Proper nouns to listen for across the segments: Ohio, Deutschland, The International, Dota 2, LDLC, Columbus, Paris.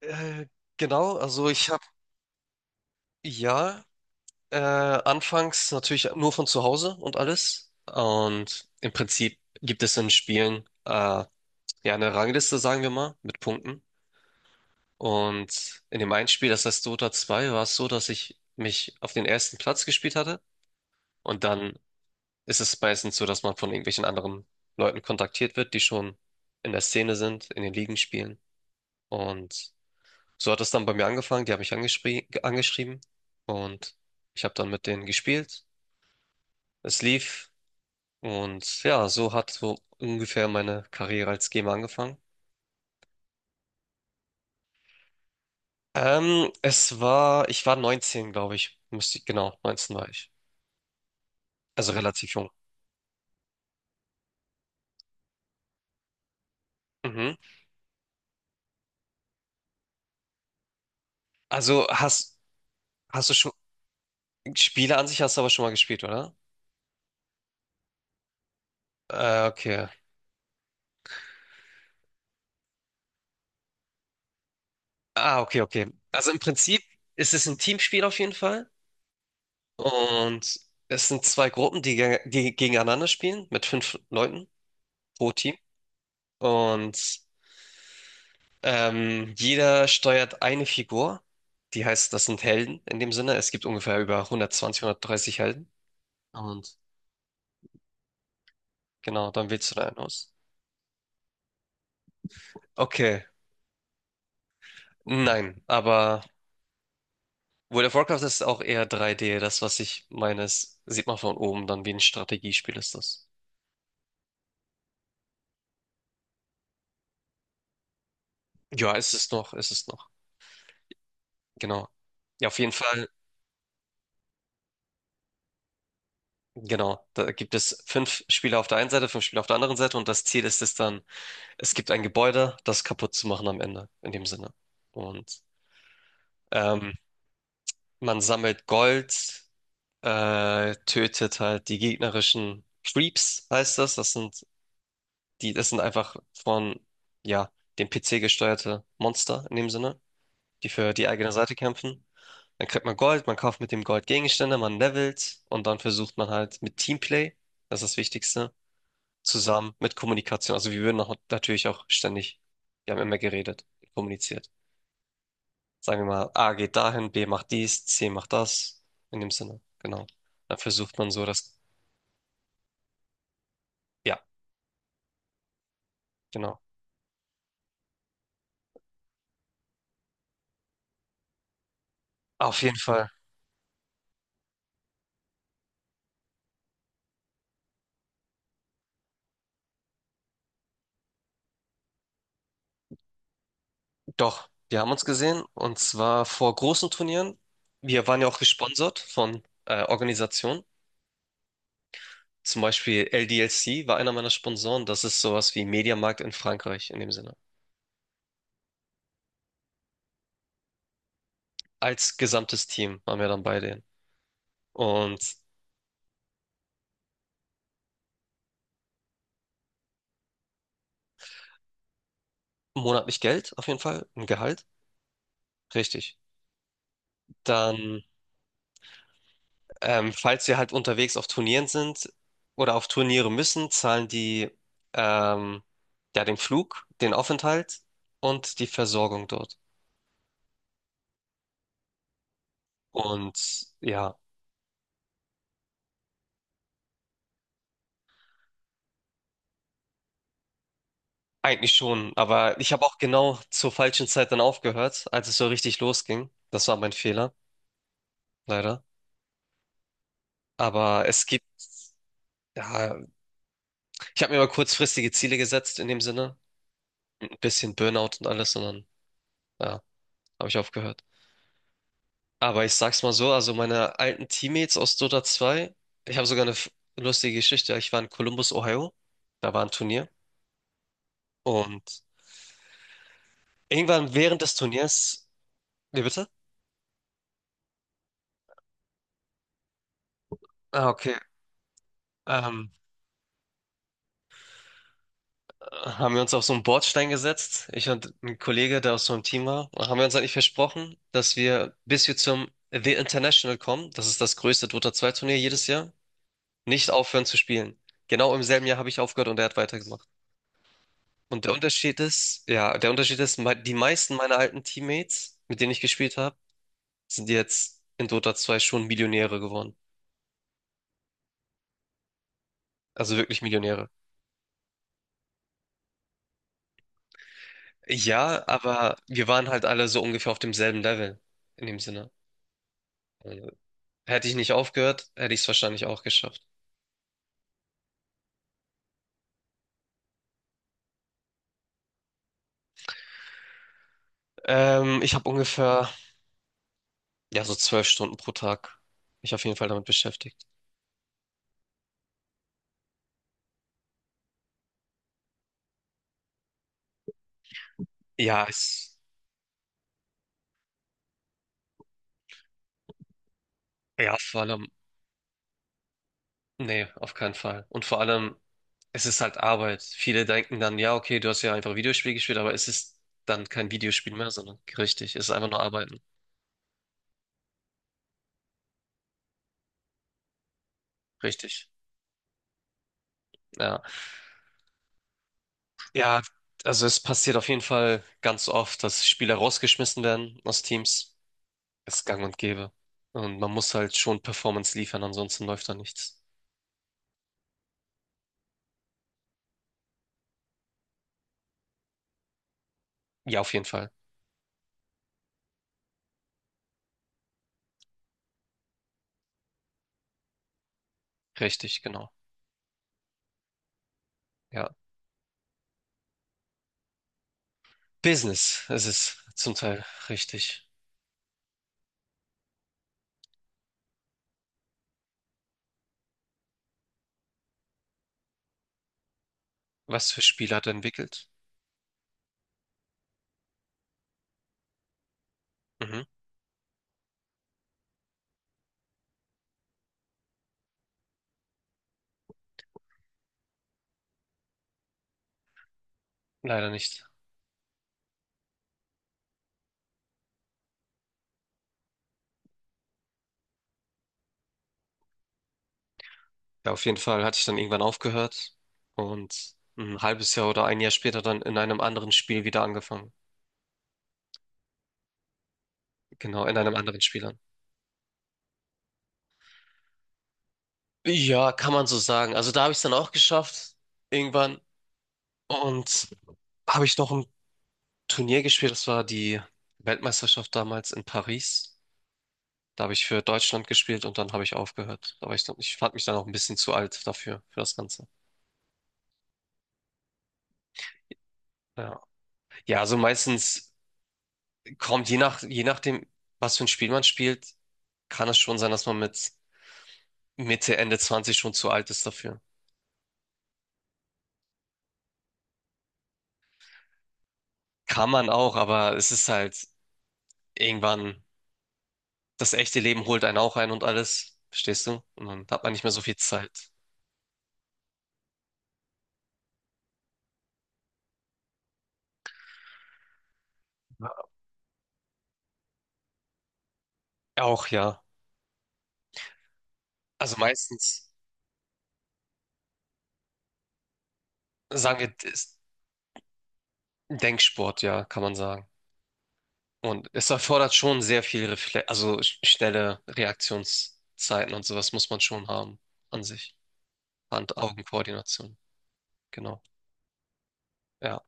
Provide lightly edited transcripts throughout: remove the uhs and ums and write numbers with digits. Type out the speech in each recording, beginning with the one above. Äh, genau, also ich habe ja anfangs natürlich nur von zu Hause und alles. Und im Prinzip gibt es in Spielen ja eine Rangliste, sagen wir mal, mit Punkten. Und in dem einen Spiel, das heißt Dota 2, war es so, dass ich mich auf den ersten Platz gespielt hatte. Und dann ist es meistens so, dass man von irgendwelchen anderen Leuten kontaktiert wird, die schon in der Szene sind, in den Ligen spielen. Und so hat es dann bei mir angefangen. Die haben mich angeschrieben und ich habe dann mit denen gespielt. Es lief und ja, so hat so ungefähr meine Karriere als Gamer angefangen. Es war, ich war 19, glaube ich. Müsste ich, genau, 19 war ich. Also relativ jung. Mhm. Also hast du schon, Spiele an sich hast du aber schon mal gespielt, oder? Okay. Ah, okay, okay. Also im Prinzip ist es ein Teamspiel auf jeden Fall. Und es sind zwei Gruppen, die gegeneinander spielen, mit 5 Leuten pro Team. Und jeder steuert eine Figur. Die heißt, das sind Helden in dem Sinne. Es gibt ungefähr über 120, 130 Helden. Und genau, dann wählst du da einen aus. Okay, nein, aber World of Warcraft ist auch eher 3D. Das, was ich meine, ist, sieht man von oben, dann wie ein Strategiespiel ist das. Ja, ist es noch, ist es noch. Genau. Ja, auf jeden Fall. Genau, da gibt es 5 Spieler auf der einen Seite, 5 Spieler auf der anderen Seite und das Ziel ist es dann, es gibt ein Gebäude, das kaputt zu machen am Ende, in dem Sinne. Und ähm, man sammelt Gold, tötet halt die gegnerischen Creeps, heißt das. Das sind das sind einfach von, ja, dem PC gesteuerte Monster in dem Sinne, die für die eigene Seite kämpfen. Dann kriegt man Gold, man kauft mit dem Gold Gegenstände, man levelt und dann versucht man halt mit Teamplay, das ist das Wichtigste zusammen mit Kommunikation. Also wir würden auch natürlich auch ständig, wir haben immer geredet, kommuniziert. Sagen wir mal, A geht dahin, B macht dies, C macht das. In dem Sinne, genau. Dann versucht man so, dass, ja, genau. Auf jeden Fall, doch, wir haben uns gesehen und zwar vor großen Turnieren. Wir waren ja auch gesponsert von Organisationen. Zum Beispiel LDLC war einer meiner Sponsoren. Das ist sowas wie Mediamarkt in Frankreich in dem Sinne. Als gesamtes Team waren wir dann bei denen. Und monatlich Geld, auf jeden Fall, ein Gehalt. Richtig. Dann, falls wir halt unterwegs auf Turnieren sind oder auf Turniere müssen, zahlen die ähm, ja den Flug, den Aufenthalt und die Versorgung dort. Und ja, eigentlich schon, aber ich habe auch genau zur falschen Zeit dann aufgehört, als es so richtig losging. Das war mein Fehler, leider. Aber es gibt, ja, ich habe mir mal kurzfristige Ziele gesetzt in dem Sinne. Ein bisschen Burnout und alles, und dann, ja, habe ich aufgehört. Aber ich sag's mal so, also meine alten Teammates aus Dota 2, ich habe sogar eine lustige Geschichte. Ich war in Columbus, Ohio, da war ein Turnier und irgendwann während des Turniers, wie bitte? Ah, okay. Ähm, Haben wir uns auf so einen Bordstein gesetzt, ich und ein Kollege, der aus so einem Team war, und haben wir uns eigentlich versprochen, dass wir, bis wir zum The International kommen, das ist das größte Dota 2 Turnier jedes Jahr, nicht aufhören zu spielen. Genau im selben Jahr habe ich aufgehört und er hat weitergemacht. Und der Unterschied ist, die meisten meiner alten Teammates, mit denen ich gespielt habe, sind jetzt in Dota 2 schon Millionäre geworden. Also wirklich Millionäre. Ja, aber wir waren halt alle so ungefähr auf demselben Level, in dem Sinne. Also, hätte ich nicht aufgehört, hätte ich es wahrscheinlich auch geschafft. Ähm, ich habe ungefähr, ja, so 12 Stunden pro Tag mich auf jeden Fall damit beschäftigt. Ja, ich, ja, vor allem nee, auf keinen Fall. Und vor allem, es ist halt Arbeit. Viele denken dann, ja, okay, du hast ja einfach Videospiel gespielt, aber es ist dann kein Videospiel mehr, sondern richtig, es ist einfach nur Arbeiten. Richtig. Ja. Ja, also es passiert auf jeden Fall ganz oft, dass Spieler rausgeschmissen werden aus Teams. Ist gang und gäbe. Und man muss halt schon Performance liefern, ansonsten läuft da nichts. Ja, auf jeden Fall. Richtig, genau. Ja. Business, es ist zum Teil richtig. Was für Spiele hat er entwickelt? Mhm. Leider nicht. Ja, auf jeden Fall hatte ich dann irgendwann aufgehört und ein halbes Jahr oder ein Jahr später dann in einem anderen Spiel wieder angefangen. Genau, in einem anderen Spiel dann. Ja, kann man so sagen. Also da habe ich es dann auch geschafft, irgendwann. Und habe ich noch ein Turnier gespielt, das war die Weltmeisterschaft damals in Paris. Da habe ich für Deutschland gespielt und dann habe ich aufgehört. Aber ich fand mich dann auch ein bisschen zu alt dafür, für das Ganze. Ja, ja, also meistens kommt je nachdem, was für ein Spiel man spielt, kann es schon sein, dass man mit Mitte, Ende 20 schon zu alt ist dafür. Kann man auch, aber es ist halt irgendwann, das echte Leben holt einen auch ein und alles, verstehst du? Und dann hat man nicht mehr so viel Zeit. Auch ja. Also meistens sagen wir, ist Denksport, ja, kann man sagen. Und es erfordert schon sehr viel Refle also schnelle Reaktionszeiten und sowas muss man schon haben an sich. Hand-Augen-Koordination. Genau. Ja.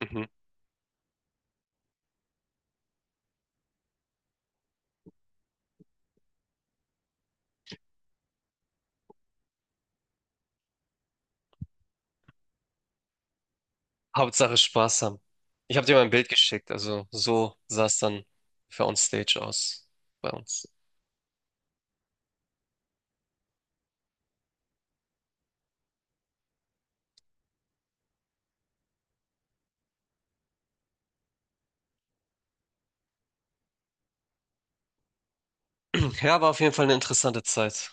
Mhm. Hauptsache Spaß haben. Ich habe dir mal ein Bild geschickt, also so sah es dann für Onstage aus bei uns. Ja, war auf jeden Fall eine interessante Zeit.